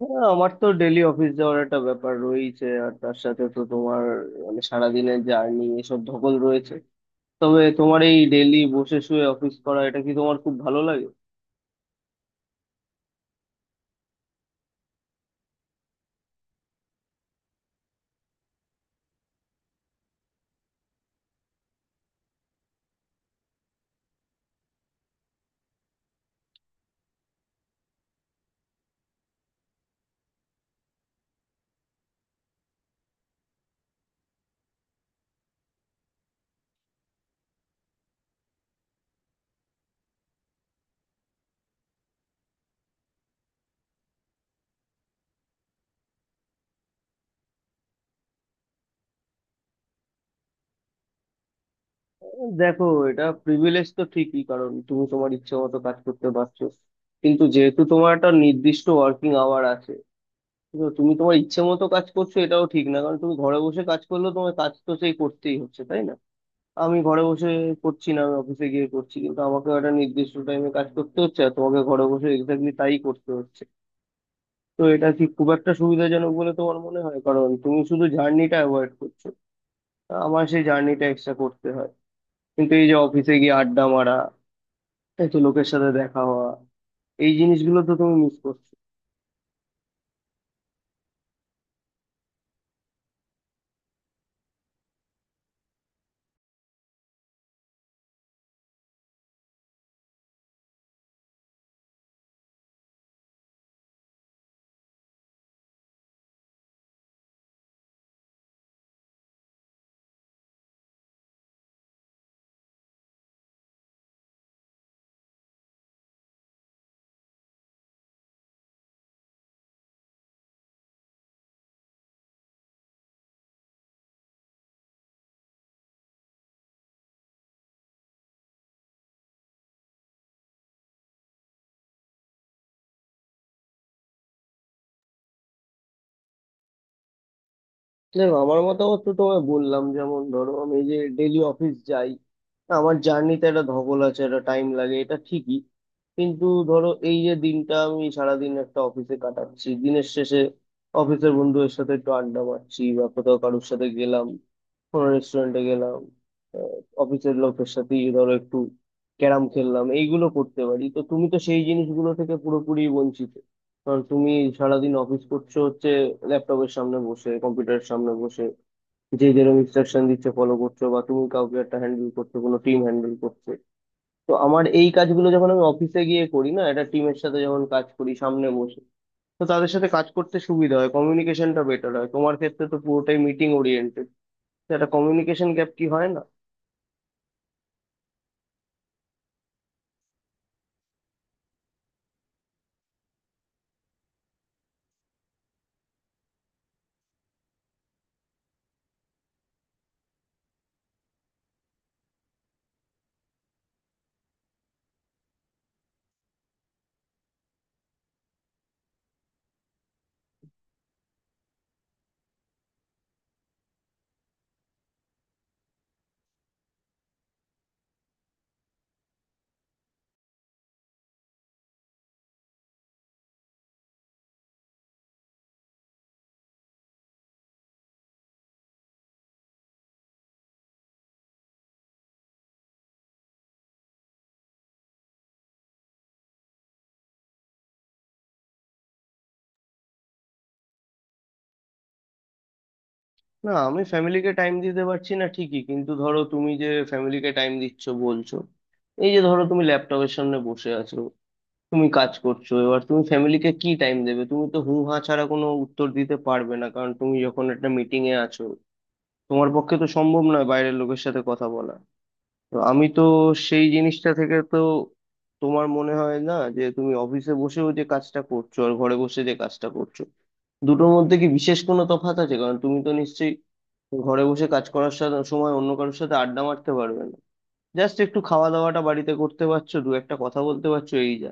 হ্যাঁ, আমার তো ডেলি অফিস যাওয়ার একটা ব্যাপার রয়েছে, আর তার সাথে তো তোমার মানে সারাদিনের জার্নি এসব ধকল রয়েছে। তবে তোমার এই ডেলি বসে শুয়ে অফিস করা, এটা কি তোমার খুব ভালো লাগে? দেখো, এটা প্রিভিলেজ তো ঠিকই, কারণ তুমি তোমার ইচ্ছে মতো কাজ করতে পারছো। কিন্তু যেহেতু তোমার একটা নির্দিষ্ট ওয়ার্কিং আওয়ার আছে, তো তুমি তোমার ইচ্ছে মতো কাজ করছো এটাও ঠিক না, কারণ তুমি ঘরে বসে কাজ করলেও তোমার কাজ তো সেই করতেই হচ্ছে, তাই না? আমি ঘরে বসে করছি না, আমি অফিসে গিয়ে করছি, কিন্তু আমাকে একটা নির্দিষ্ট টাইমে কাজ করতে হচ্ছে, আর তোমাকে ঘরে বসে এক্স্যাক্টলি তাই করতে হচ্ছে। তো এটা কি খুব একটা সুবিধাজনক বলে তোমার মনে হয়? কারণ তুমি শুধু জার্নিটা অ্যাভয়েড করছো, আমার সেই জার্নিটা এক্সট্রা করতে হয়। কিন্তু এই যে অফিসে গিয়ে আড্ডা মারা, এই তো লোকের সাথে দেখা হওয়া, এই জিনিসগুলো তো তুমি মিস করছো। দেখো, আমার মতামত তো তোমায় বললাম। যেমন ধরো আমি যে ডেলি অফিস যাই, আমার জার্নিতে একটা ধকল আছে, একটা টাইম লাগে, এটা ঠিকই। কিন্তু ধরো এই যে দিনটা আমি সারাদিন একটা অফিসে কাটাচ্ছি, দিনের শেষে অফিসের বন্ধুদের সাথে একটু আড্ডা মারছি, বা কোথাও কারোর সাথে গেলাম, কোনো রেস্টুরেন্টে গেলাম, অফিসের লোকের সাথে ধরো একটু ক্যারাম খেললাম, এইগুলো করতে পারি। তো তুমি তো সেই জিনিসগুলো থেকে পুরোপুরি বঞ্চিত, কারণ তুমি সারাদিন অফিস করছো হচ্ছে ল্যাপটপের সামনে বসে কম্পিউটারের সামনে বসে, যে যেরকম ইনস্ট্রাকশন দিচ্ছে ফলো করছো, বা তুমি কাউকে একটা হ্যান্ডেল করছো, কোনো টিম হ্যান্ডেল করছো। তো আমার এই কাজগুলো যখন আমি অফিসে গিয়ে করি না, একটা টিমের সাথে যখন কাজ করি সামনে বসে, তো তাদের সাথে কাজ করতে সুবিধা হয়, কমিউনিকেশনটা বেটার হয়। তোমার ক্ষেত্রে তো পুরোটাই মিটিং ওরিয়েন্টেড, একটা কমিউনিকেশন গ্যাপ কি হয় না? না, আমি ফ্যামিলিকে টাইম দিতে পারছি না ঠিকই, কিন্তু ধরো তুমি যে ফ্যামিলিকে টাইম দিচ্ছ বলছো, এই যে ধরো তুমি ল্যাপটপের সামনে বসে আছো, তুমি কাজ করছো, এবার তুমি ফ্যামিলিকে কি টাইম দেবে? তুমি তো হু হা ছাড়া কোনো উত্তর দিতে পারবে না, কারণ তুমি যখন একটা মিটিং এ আছো তোমার পক্ষে তো সম্ভব নয় বাইরের লোকের সাথে কথা বলা। তো আমি তো সেই জিনিসটা থেকে তো তোমার মনে হয় না যে তুমি অফিসে বসেও যে কাজটা করছো আর ঘরে বসে যে কাজটা করছো দুটোর মধ্যে কি বিশেষ কোনো তফাৎ আছে? কারণ তুমি তো নিশ্চয়ই ঘরে বসে কাজ করার সাথে সময় অন্য কারোর সাথে আড্ডা মারতে পারবে না। জাস্ট একটু খাওয়া দাওয়াটা বাড়িতে করতে পারছো, দু একটা কথা বলতে পারছো, এই যা।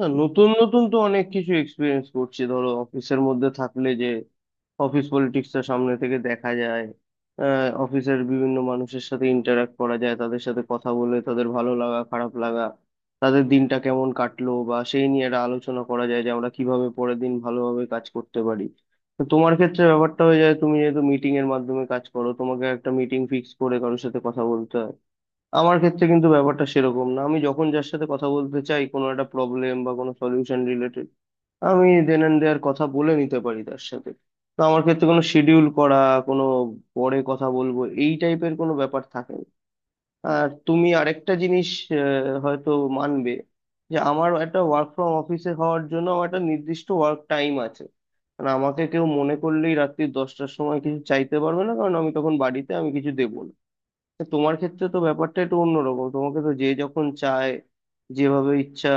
না, নতুন নতুন তো অনেক কিছু এক্সপিরিয়েন্স করছি। ধরো অফিসের মধ্যে থাকলে যে অফিস পলিটিক্সটা সামনে থেকে দেখা যায়, অফিসের বিভিন্ন মানুষের সাথে ইন্টারাক্ট করা যায়, তাদের সাথে কথা বলে তাদের ভালো লাগা খারাপ লাগা, তাদের দিনটা কেমন কাটলো, বা সেই নিয়ে একটা আলোচনা করা যায় যে আমরা কিভাবে পরের দিন ভালোভাবে কাজ করতে পারি। তো তোমার ক্ষেত্রে ব্যাপারটা হয়ে যায় তুমি যেহেতু মিটিং এর মাধ্যমে কাজ করো, তোমাকে একটা মিটিং ফিক্স করে কারোর সাথে কথা বলতে হয়। আমার ক্ষেত্রে কিন্তু ব্যাপারটা সেরকম না, আমি যখন যার সাথে কথা বলতে চাই কোনো একটা প্রবলেম বা কোনো সলিউশন রিলেটেড, আমি দেন অ্যান্ড দেয়ার কথা বলে নিতে পারি তার সাথে। তো আমার ক্ষেত্রে কোনো শিডিউল করা, কোনো পরে কথা বলবো, এই টাইপের কোনো ব্যাপার থাকে না। আর তুমি আরেকটা জিনিস হয়তো মানবে, যে আমার একটা ওয়ার্ক ফ্রম অফিসে হওয়ার জন্য আমার একটা নির্দিষ্ট ওয়ার্ক টাইম আছে। মানে আমাকে কেউ মনে করলেই রাত্রি 10টার সময় কিছু চাইতে পারবে না, কারণ আমি তখন বাড়িতে, আমি কিছু দেবো না। তা তোমার ক্ষেত্রে তো ব্যাপারটা একটু অন্যরকম, তোমাকে তো যে যখন চায় যেভাবে ইচ্ছা,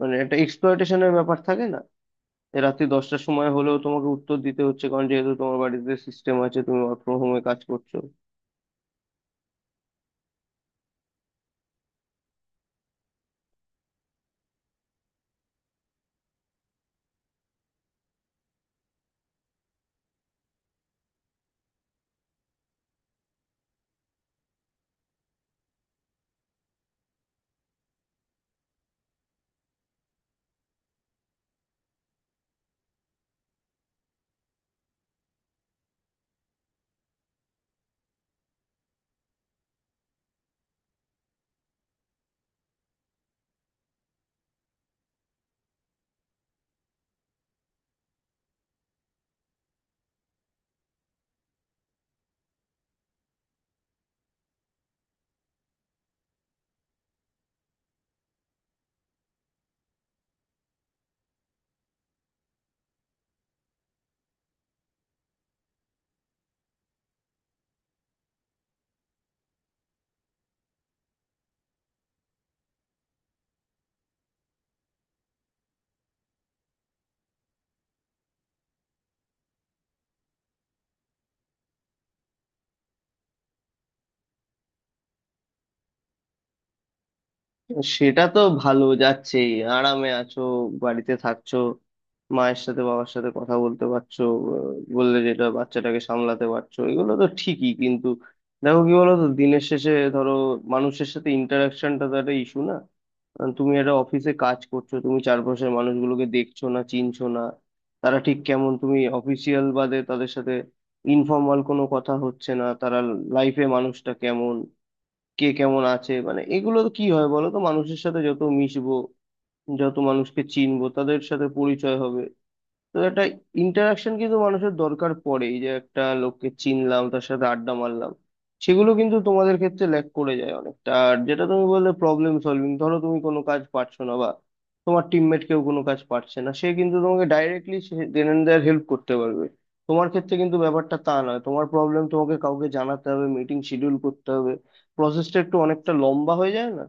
মানে একটা এক্সপ্লয়টেশনের ব্যাপার থাকে না? রাত্রি 10টার সময় হলেও তোমাকে উত্তর দিতে হচ্ছে, কারণ যেহেতু তোমার বাড়িতে সিস্টেম আছে তুমি ওয়ার্ক ফ্রম হোমে কাজ করছো। সেটা তো ভালো যাচ্ছেই, আরামে আছো, বাড়িতে থাকছো, মায়ের সাথে বাবার সাথে কথা বলতে পারছো, বললে যেটা বাচ্চাটাকে সামলাতে পারছো, এগুলো তো ঠিকই। কিন্তু দেখো কি বলতো, দিনের শেষে ধরো মানুষের সাথে ইন্টারাকশনটা তো একটা ইস্যু না? কারণ তুমি একটা অফিসে কাজ করছো, তুমি চারপাশের মানুষগুলোকে দেখছো না, চিনছো না, তারা ঠিক কেমন। তুমি অফিসিয়াল বাদে তাদের সাথে ইনফর্মাল কোনো কথা হচ্ছে না, তারা লাইফে মানুষটা কেমন, কে কেমন আছে, মানে এগুলো তো কি হয় বলো তো, মানুষের সাথে যত মিশবো, যত মানুষকে চিনবো, তাদের সাথে পরিচয় হবে। তো একটা ইন্টারাকশন কিন্তু মানুষের দরকার পড়ে, এই যে একটা লোককে চিনলাম, তার সাথে আড্ডা মারলাম, সেগুলো কিন্তু তোমাদের ক্ষেত্রে ল্যাক করে যায় অনেকটা। আর যেটা তুমি বললে প্রবলেম সলভিং, ধরো তুমি কোনো কাজ পারছো না, বা তোমার টিমমেট কেউ কোনো কাজ পারছে না, সে কিন্তু তোমাকে directly then and there help করতে পারবে। তোমার ক্ষেত্রে কিন্তু ব্যাপারটা তা নয়, তোমার প্রবলেম তোমাকে কাউকে জানাতে হবে, মিটিং শিডিউল করতে হবে, প্রসেসটা একটু অনেকটা লম্বা হয়ে যায় না?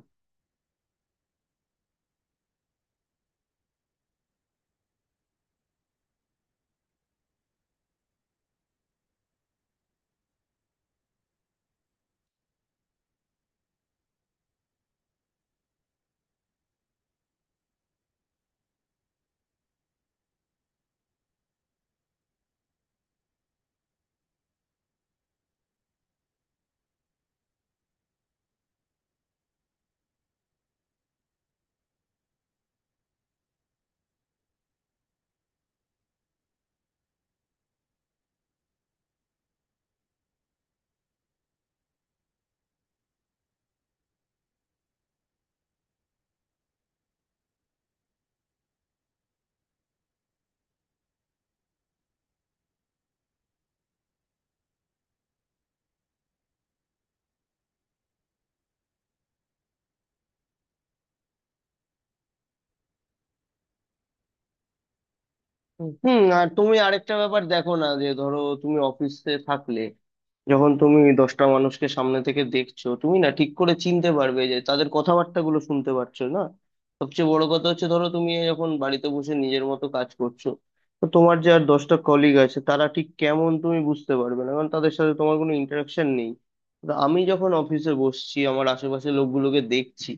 হুম, হুম, আর তুমি আরেকটা ব্যাপার দেখো না, যে ধরো তুমি অফিসে থাকলে যখন তুমি দশটা মানুষকে সামনে থেকে দেখছো, তুমি না ঠিক করে চিনতে পারবে যে তাদের কথাবার্তাগুলো শুনতে পারছো না। সবচেয়ে বড় কথা হচ্ছে, ধরো তুমি যখন বাড়িতে বসে নিজের মতো কাজ করছো, তো তোমার যে আর দশটা কলিগ আছে, তারা ঠিক কেমন তুমি বুঝতে পারবে না, কারণ তাদের সাথে তোমার কোনো ইন্টারাকশন নেই। তো আমি যখন অফিসে বসছি, আমার আশেপাশে লোকগুলোকে দেখছি,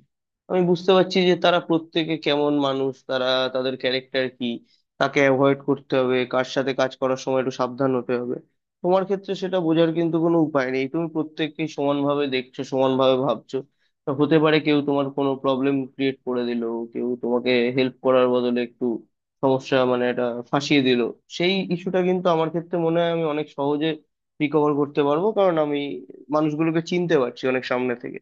আমি বুঝতে পারছি যে তারা প্রত্যেকে কেমন মানুষ, তারা তাদের ক্যারেক্টার কি, তাকে অ্যাভয়েড করতে হবে, কার সাথে কাজ করার সময় একটু সাবধান হতে হবে। তোমার ক্ষেত্রে সেটা বোঝার কিন্তু কোনো উপায় নেই, তুমি প্রত্যেককে সমানভাবে দেখছো, সমানভাবে ভাবছো। তো হতে পারে কেউ তোমার কোনো প্রবলেম ক্রিয়েট করে দিল, কেউ তোমাকে হেল্প করার বদলে একটু সমস্যা, মানে এটা ফাঁসিয়ে দিল। সেই ইস্যুটা কিন্তু আমার ক্ষেত্রে মনে হয় আমি অনেক সহজে রিকভার করতে পারবো, কারণ আমি মানুষগুলোকে চিনতে পারছি অনেক সামনে থেকে।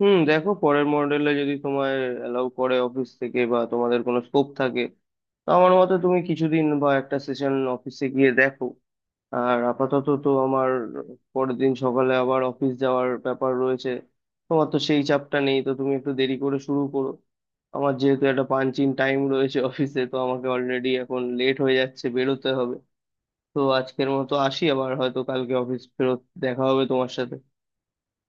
হুম, দেখো পরের মডেলে যদি তোমার অ্যালাউ করে অফিস থেকে, বা তোমাদের কোনো স্কোপ থাকে, তো আমার মতে তুমি কিছুদিন বা একটা সেশন অফিসে গিয়ে দেখো। আর আপাতত তো আমার পরের দিন সকালে আবার অফিস যাওয়ার ব্যাপার রয়েছে, তোমার তো সেই চাপটা নেই, তো তুমি একটু দেরি করে শুরু করো। আমার যেহেতু একটা পাঞ্চিং টাইম রয়েছে অফিসে, তো আমাকে অলরেডি এখন লেট হয়ে যাচ্ছে, বেরোতে হবে। তো আজকের মতো আসি, আবার হয়তো কালকে অফিস ফেরত দেখা হবে তোমার সাথে।